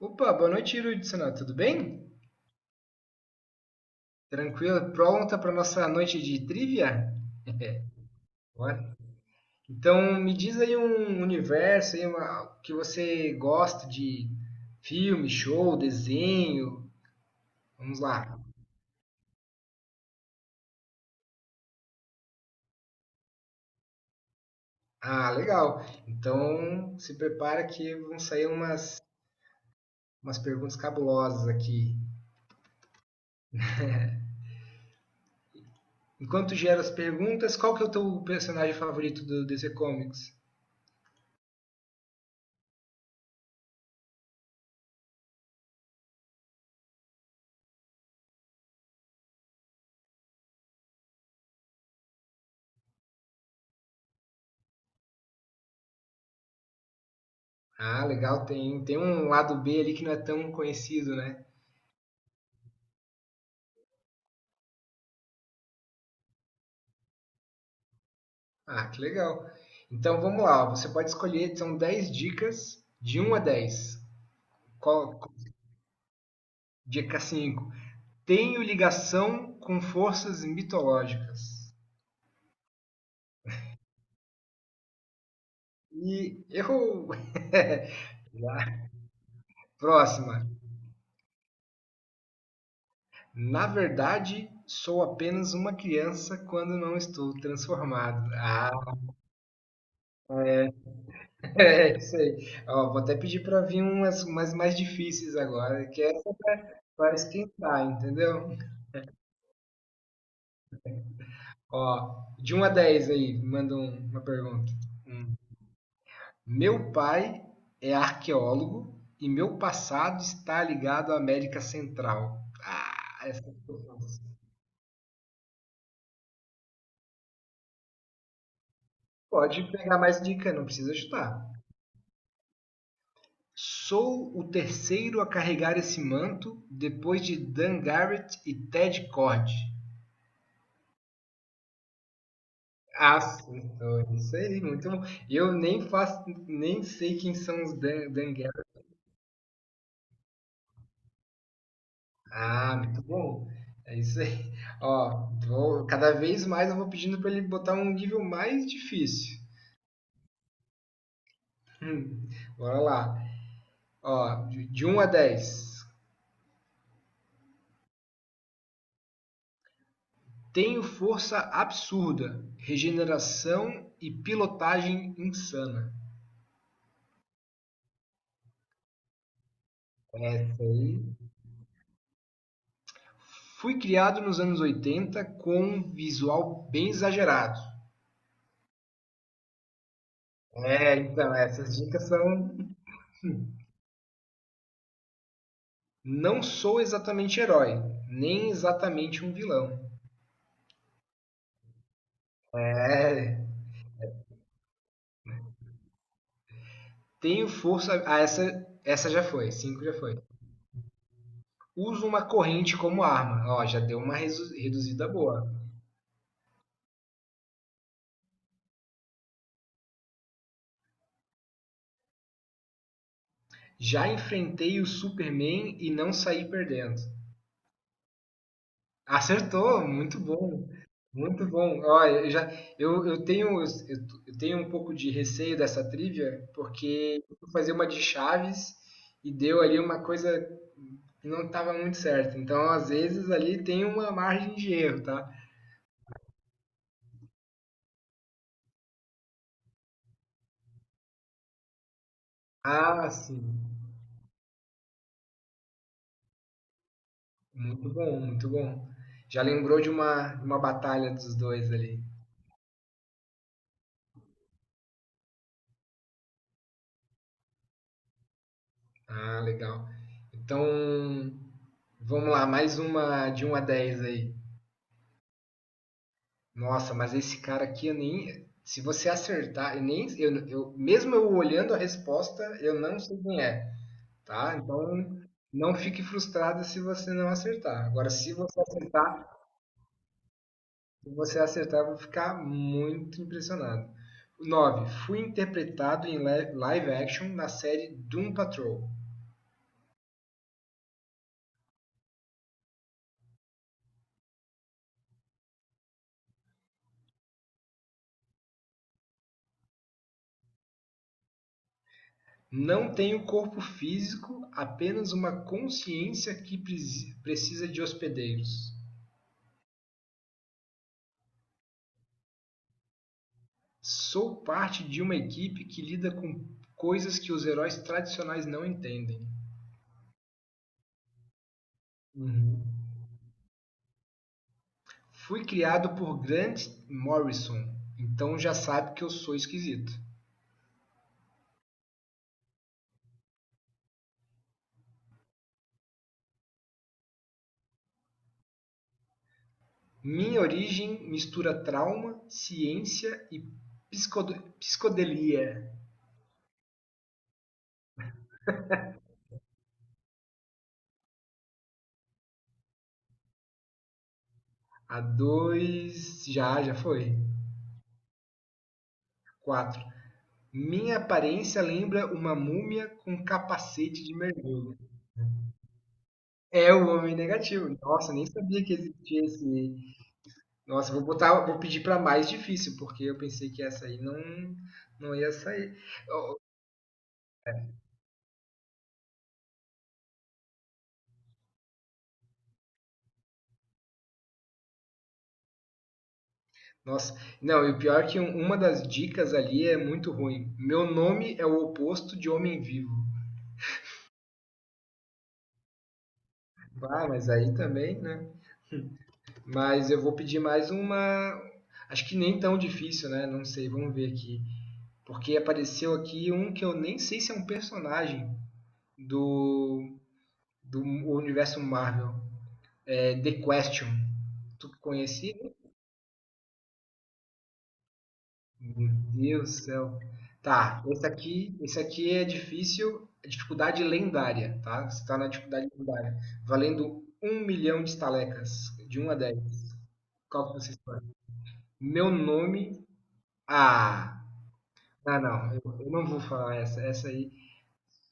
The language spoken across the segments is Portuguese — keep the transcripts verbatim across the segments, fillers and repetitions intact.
Opa, boa noite, Irudson. Tudo bem? Tranquilo? Pronta para nossa noite de trivia? Bora. Então, me diz aí um universo aí, uma- que você gosta de filme, show, desenho. Vamos lá. Ah, legal. Então, se prepara que vão sair umas, umas perguntas cabulosas aqui. Enquanto gera as perguntas, qual que é o teu personagem favorito do D C Comics? Ah, legal. Tem, tem um lado B ali que não é tão conhecido, né? Ah, que legal. Então vamos lá, você pode escolher, são dez dicas de um a dez. Qual, dica cinco. Tenho ligação com forças mitológicas. E errou! Próxima. Na verdade, sou apenas uma criança quando não estou transformado. Ah, é isso aí. Ó, vou até pedir para vir umas, umas mais difíceis agora, que é para esquentar, entendeu? Ó, de um a dez aí, manda um- uma pergunta. Hum. Meu pai é arqueólogo e meu passado está ligado à América Central. Ah, essa ficou fácil. Pode pegar mais dica, não precisa chutar. Sou o terceiro a carregar esse manto depois de Dan Garrett e Ted Cord. Acertou, isso aí, muito bom. Eu nem faço, nem sei quem são os Dan, Dan Garrett. Ah, muito bom. É isso aí. Ó, vou- cada vez mais eu vou pedindo para ele botar um nível mais difícil. Hum, bora lá. Ó, de de um a dez. Tenho força absurda, regeneração e pilotagem insana. Essa aí. Fui criado nos anos oitenta com um visual bem exagerado. É, então, essas dicas são. Não sou exatamente herói, nem exatamente um vilão. É, tenho força. Ah, essa, essa já foi. Cinco já foi. Uso uma corrente como arma. Ó, já deu uma resu- reduzida boa. Já enfrentei o Superman e não saí perdendo. Acertou, muito bom. Muito bom. Olha eu já eu, eu tenho eu, eu tenho um pouco de receio dessa trivia, porque eu fui fazer uma de Chaves e deu ali uma coisa que não estava muito certa. Então, às vezes ali tem uma margem de erro, tá? Ah, sim. Muito bom, muito bom. Já lembrou de uma, de uma batalha dos dois ali. Ah, legal. Então, vamos lá, mais uma de um a dez aí. Nossa, mas esse cara aqui eu nem. Se você acertar, eu nem, eu, eu- mesmo eu olhando a resposta, eu não sei quem é, tá? Então, não fique frustrado se você não acertar. Agora, se você acertar, se você acertar, eu vou ficar muito impressionado. Nove. Fui interpretado em live action na série Doom Patrol. Não tenho corpo físico, apenas uma consciência que precisa de hospedeiros. Sou parte de uma equipe que lida com coisas que os heróis tradicionais não entendem. Uhum. Fui criado por Grant Morrison, então já sabe que eu sou esquisito. Minha origem mistura trauma, ciência e psicod- psicodelia. A dois. Já, já foi. Quatro. Minha aparência lembra uma múmia com capacete de mergulho. É o homem negativo. Nossa, nem sabia que existia esse. Nossa, vou botar, vou pedir para mais difícil, porque eu pensei que essa aí não, não ia sair. Nossa, não, e o pior é que um- uma das dicas ali é muito ruim. Meu nome é o oposto de homem vivo. Ah, mas aí também, né? Mas eu vou pedir mais uma. Acho que nem tão difícil, né? Não sei, vamos ver aqui. Porque apareceu aqui um que eu nem sei se é um personagem do, do universo Marvel. É The Question. Tu conhecia? Meu Deus do céu. Tá, esse aqui, esse aqui é difícil, é dificuldade lendária, tá? Você tá na dificuldade lendária. Valendo um milhão de estalecas, de um a dez. Qual que você escolhe? Meu nome. Ah, não, não, eu, eu não vou falar essa, essa aí.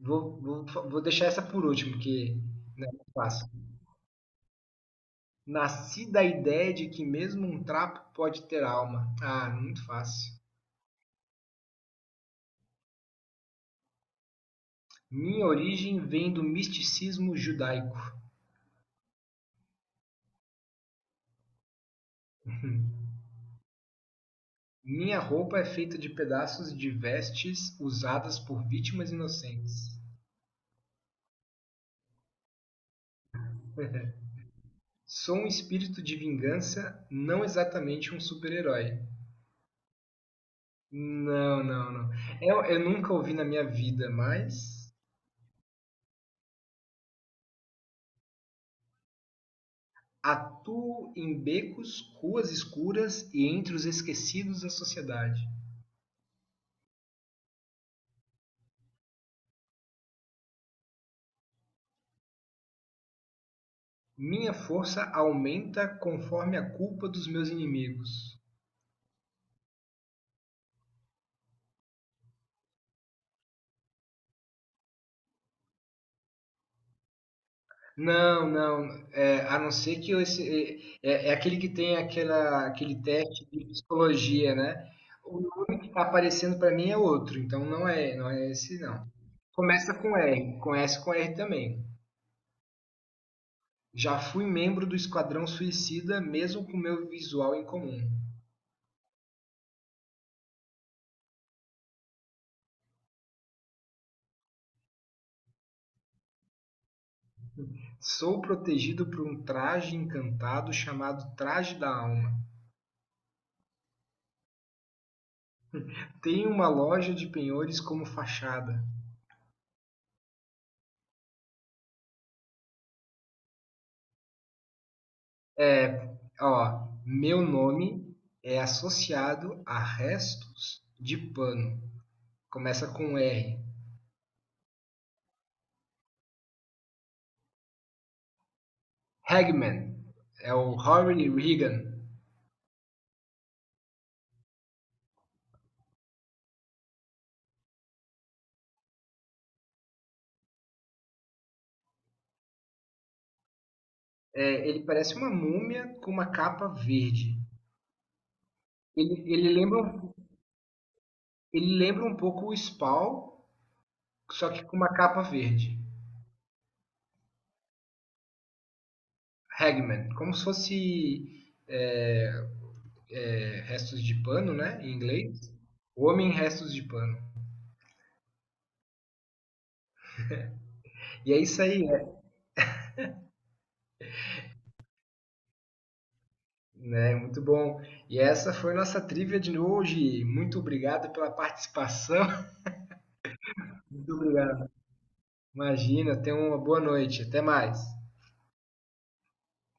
Vou, vou, fa- vou deixar essa por último, porque não é muito fácil. Nasci da ideia de que mesmo um trapo pode ter alma. Ah, muito fácil. Minha origem vem do misticismo judaico. Minha roupa é feita de pedaços de vestes usadas por vítimas inocentes. Sou um espírito de vingança, não exatamente um super-herói. Não, não, não. Eu, eu nunca ouvi na minha vida, mas atuo em becos, ruas escuras e entre os esquecidos da sociedade. Minha força aumenta conforme a culpa dos meus inimigos. Não, não. É, a não ser que eu esse, é, é é aquele que tem aquela, aquele teste de psicologia, né? O nome que está aparecendo para mim é outro, então não é, não é esse não. Começa com R, conhece com R também. Já fui membro do Esquadrão Suicida, mesmo com meu visual incomum. Sou protegido por um traje encantado chamado Traje da Alma. Tenho uma loja de penhores como fachada. É, ó, meu nome é associado a restos de pano. Começa com R. Hagman é o Harry Regan. É, ele parece uma múmia com uma capa verde. Ele, ele, lembra, um, ele lembra um pouco o Spawn só que com uma capa verde. Hagman, como se fosse é, é, restos de pano, né? Em inglês. O homem em restos de pano. E é isso aí, é, né? Muito bom. E essa foi nossa trivia de hoje. Muito obrigado pela participação. Muito obrigado. Imagina, tenha uma boa noite. Até mais.